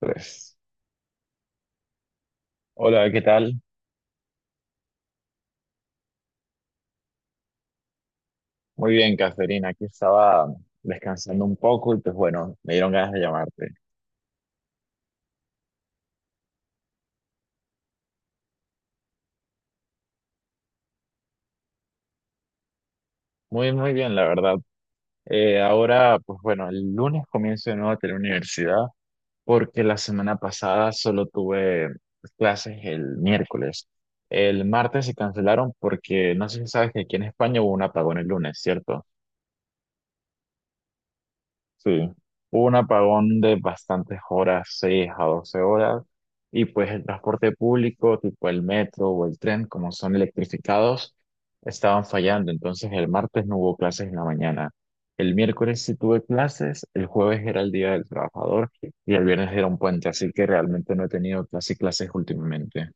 Tres. Hola, ¿qué tal? Muy bien, Caterina. Aquí estaba descansando un poco y pues bueno, me dieron ganas de llamarte. Muy, muy bien, la verdad. Ahora, pues bueno, el lunes comienzo de nuevo a la universidad porque la semana pasada solo tuve pues, clases el miércoles. El martes se cancelaron porque no sé si sabes que aquí en España hubo un apagón el lunes, ¿cierto? Sí, hubo un apagón de bastantes horas, 6 a 12 horas, y pues el transporte público, tipo el metro o el tren, como son electrificados, estaban fallando. Entonces el martes no hubo clases en la mañana. El miércoles sí tuve clases, el jueves era el Día del Trabajador y el viernes era un puente, así que realmente no he tenido casi clases últimamente.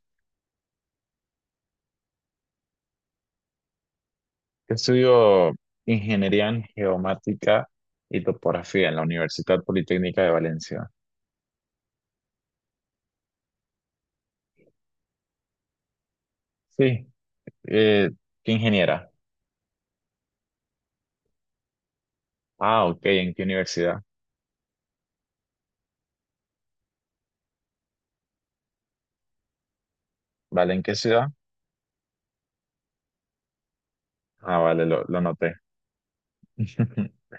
Yo estudio ingeniería en geomática y topografía en la Universidad Politécnica de Valencia. Sí, eh, ¿qué ingeniera? Ah, ok, ¿en qué universidad? ¿Vale? ¿En qué ciudad? Ah, vale, lo noté.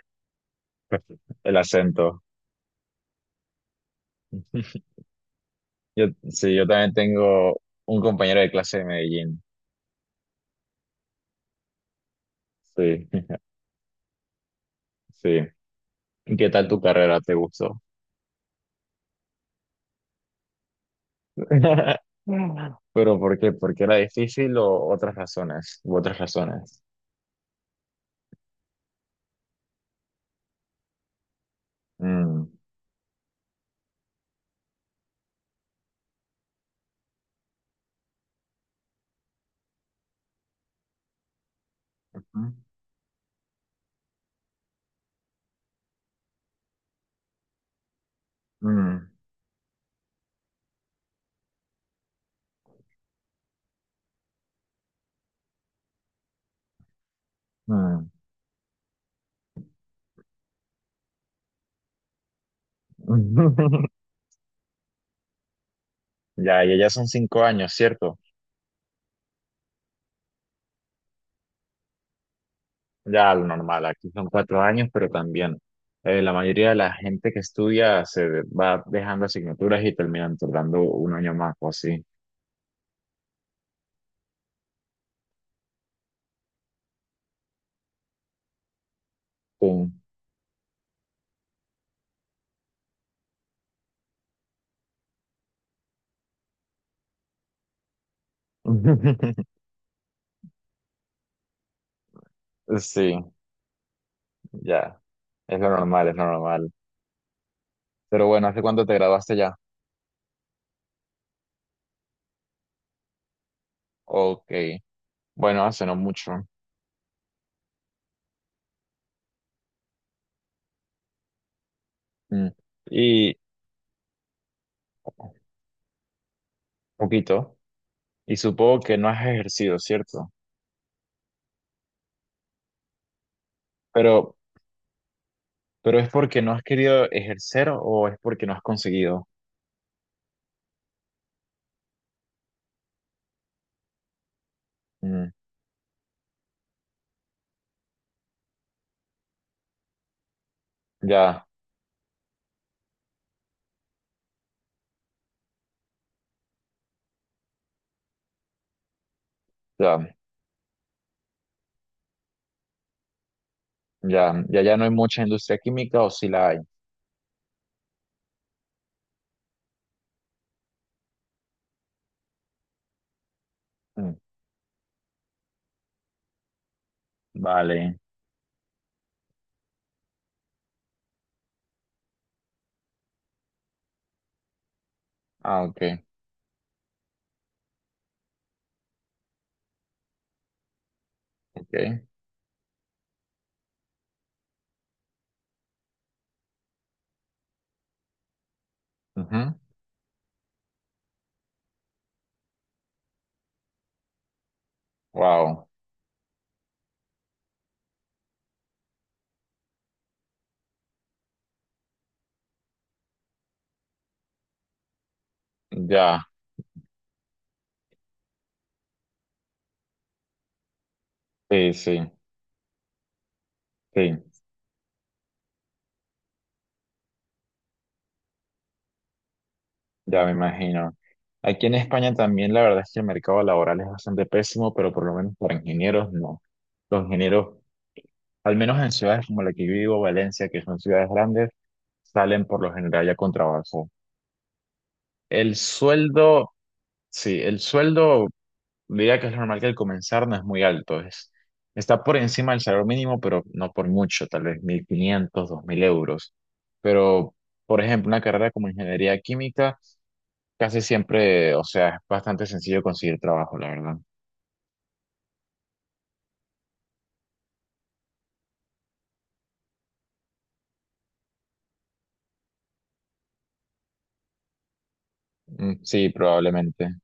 El acento. Yo, sí, yo también tengo un compañero de clase de Medellín. Sí, sí. ¿Qué tal tu carrera? ¿Te gustó? ¿Pero por qué? ¿Porque era difícil o otras razones? ¿U otras razones? Mm, mm, mm. Ya, y ya son 5 años, ¿cierto? Ya lo normal, aquí son 4 años, pero también la mayoría de la gente que estudia se va dejando asignaturas y terminan tardando un año más o así. Sí, Sí, ya, es lo normal, es lo normal. Pero bueno, ¿hace cuánto te graduaste ya? Ok, bueno, hace no mucho. Mm. Y poquito. Y supongo que no has ejercido, ¿cierto? Pero, pero ¿es porque no has querido ejercer o es porque no has conseguido? Mm, ya, ya. Ya, ya, ya no hay mucha industria química o si la hay. Mm, vale. Ah, ok, ok. Ujú. Wow. Ya, sí, sí, sí, ya me imagino. Aquí en España también la verdad es que el mercado laboral es bastante pésimo, pero por lo menos para ingenieros no. Los ingenieros, al menos en ciudades como la que yo vivo, Valencia, que son ciudades grandes, salen por lo general ya con trabajo. El sueldo, sí, el sueldo diría que es normal que al comenzar no es muy alto, está por encima del salario mínimo, pero no por mucho, tal vez 1.500 dos mil euros. Pero, por ejemplo, una carrera como ingeniería química, casi siempre, o sea, es bastante sencillo conseguir trabajo, la verdad. Mm, sí, probablemente.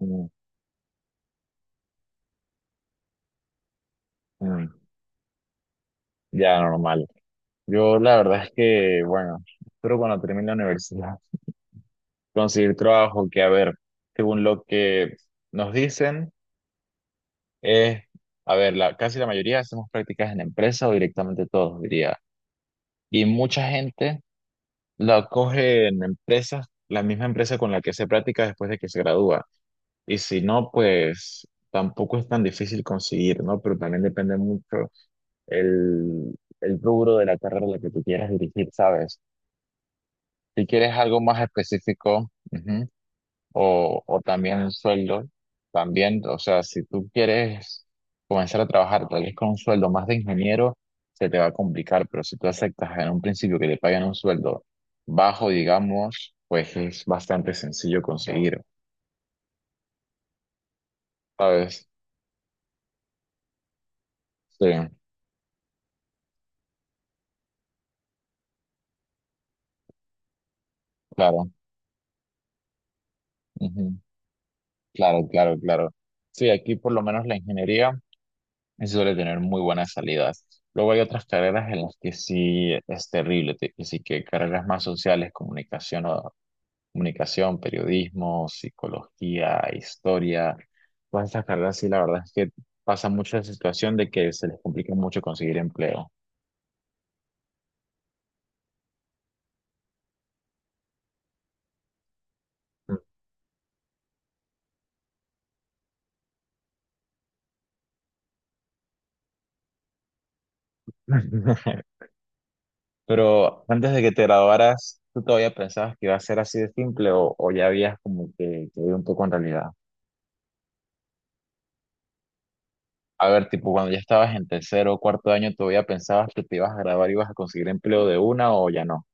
Mm, mm, ya, normal. Yo la verdad es que, bueno, espero cuando termine la universidad conseguir trabajo, que a ver, según lo que nos dicen. Eh, a ver, casi la mayoría hacemos prácticas en empresa o directamente todos, diría. Y mucha gente la coge en empresas, la misma empresa con la que hace práctica después de que se gradúa. Y si no, pues tampoco es tan difícil conseguir, ¿no? Pero también depende mucho el, el rubro de la carrera a la que tú quieras dirigir, ¿sabes? Si quieres algo más específico, ujú, o también el sueldo, también, o sea, si tú quieres comenzar a trabajar tal vez con un sueldo más de ingeniero, se te va a complicar, pero si tú aceptas en un principio que te pagan un sueldo bajo, digamos, pues es bastante sencillo conseguir, ¿sabes? Sí, claro, ujú, claro, claro, claro. Sí, aquí por lo menos la ingeniería suele tener muy buenas salidas. Luego hay otras carreras en las que sí es terrible, que sí que carreras más sociales, comunicación, periodismo, psicología, historia, todas estas carreras, sí, la verdad es que pasa mucho la situación de que se les complica mucho conseguir empleo. Pero antes de que te graduaras, ¿tú todavía pensabas que iba a ser así de simple o, ya habías como que ido un poco en realidad? A ver, tipo, cuando ya estabas en tercero o cuarto año, ¿todavía pensabas que te ibas a graduar y ibas a conseguir empleo de una o ya no?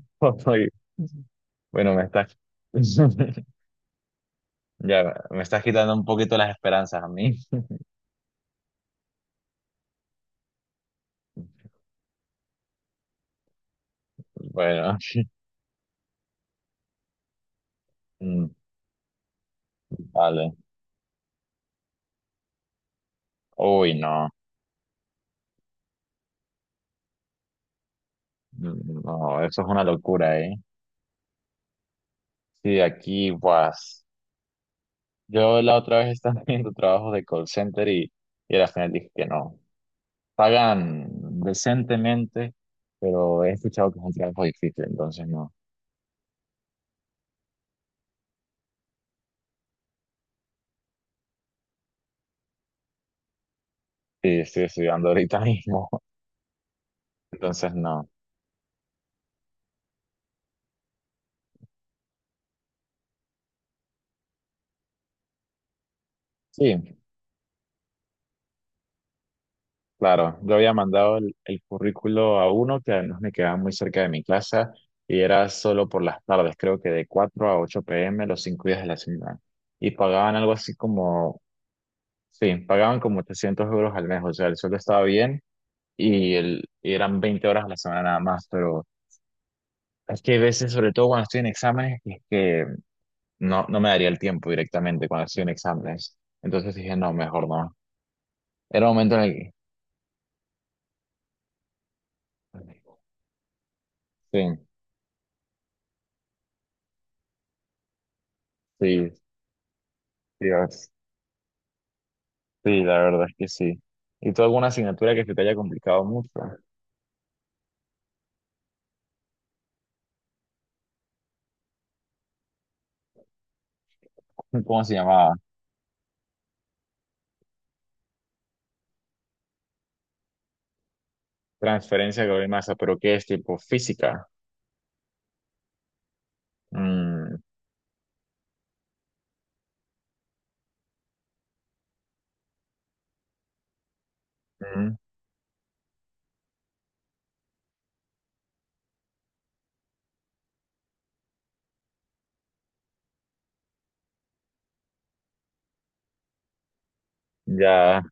Oye, bueno, ya, me estás quitando un poquito las esperanzas a mí. Bueno. Mm, vale. Uy, no. Mm, no, eso es una locura, ¿eh? Sí, aquí, pues. Yo la otra vez estaba haciendo trabajos de call center y al final dije que no. Pagan decentemente, pero he escuchado que es un trabajo difícil, entonces no. Sí, estoy estudiando ahorita mismo, entonces no. Sí. Claro, yo había mandado el currículo a uno que además me quedaba muy cerca de mi casa y era solo por las tardes, creo que de cuatro a 8 pm los 5 días de la semana. Y pagaban algo así como, sí, pagaban como 800 € al mes, o sea, el sueldo estaba bien y eran 20 horas a la semana nada más, pero es que hay veces, sobre todo cuando estoy en exámenes, es que no, no me daría el tiempo directamente cuando estoy en exámenes. Entonces dije, no, mejor no. Era un momento en el que. Sí, sí, sí. Sí, la verdad es que sí. ¿Y tú alguna asignatura que se te haya complicado mucho? ¿Cómo se llamaba? Transferencia de calor y masa, pero ¿qué es tipo física? Mm, mm, ya.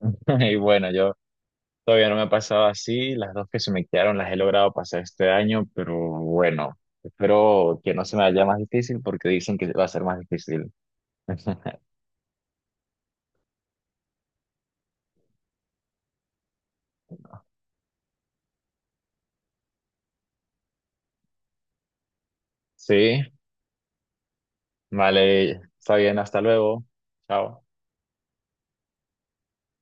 Y bueno, yo todavía no me ha pasado así. Las dos que se me quedaron las he logrado pasar este año, pero bueno, espero que no se me haya más difícil porque dicen que va a ser más difícil. Sí, vale, está bien, hasta luego. Chao.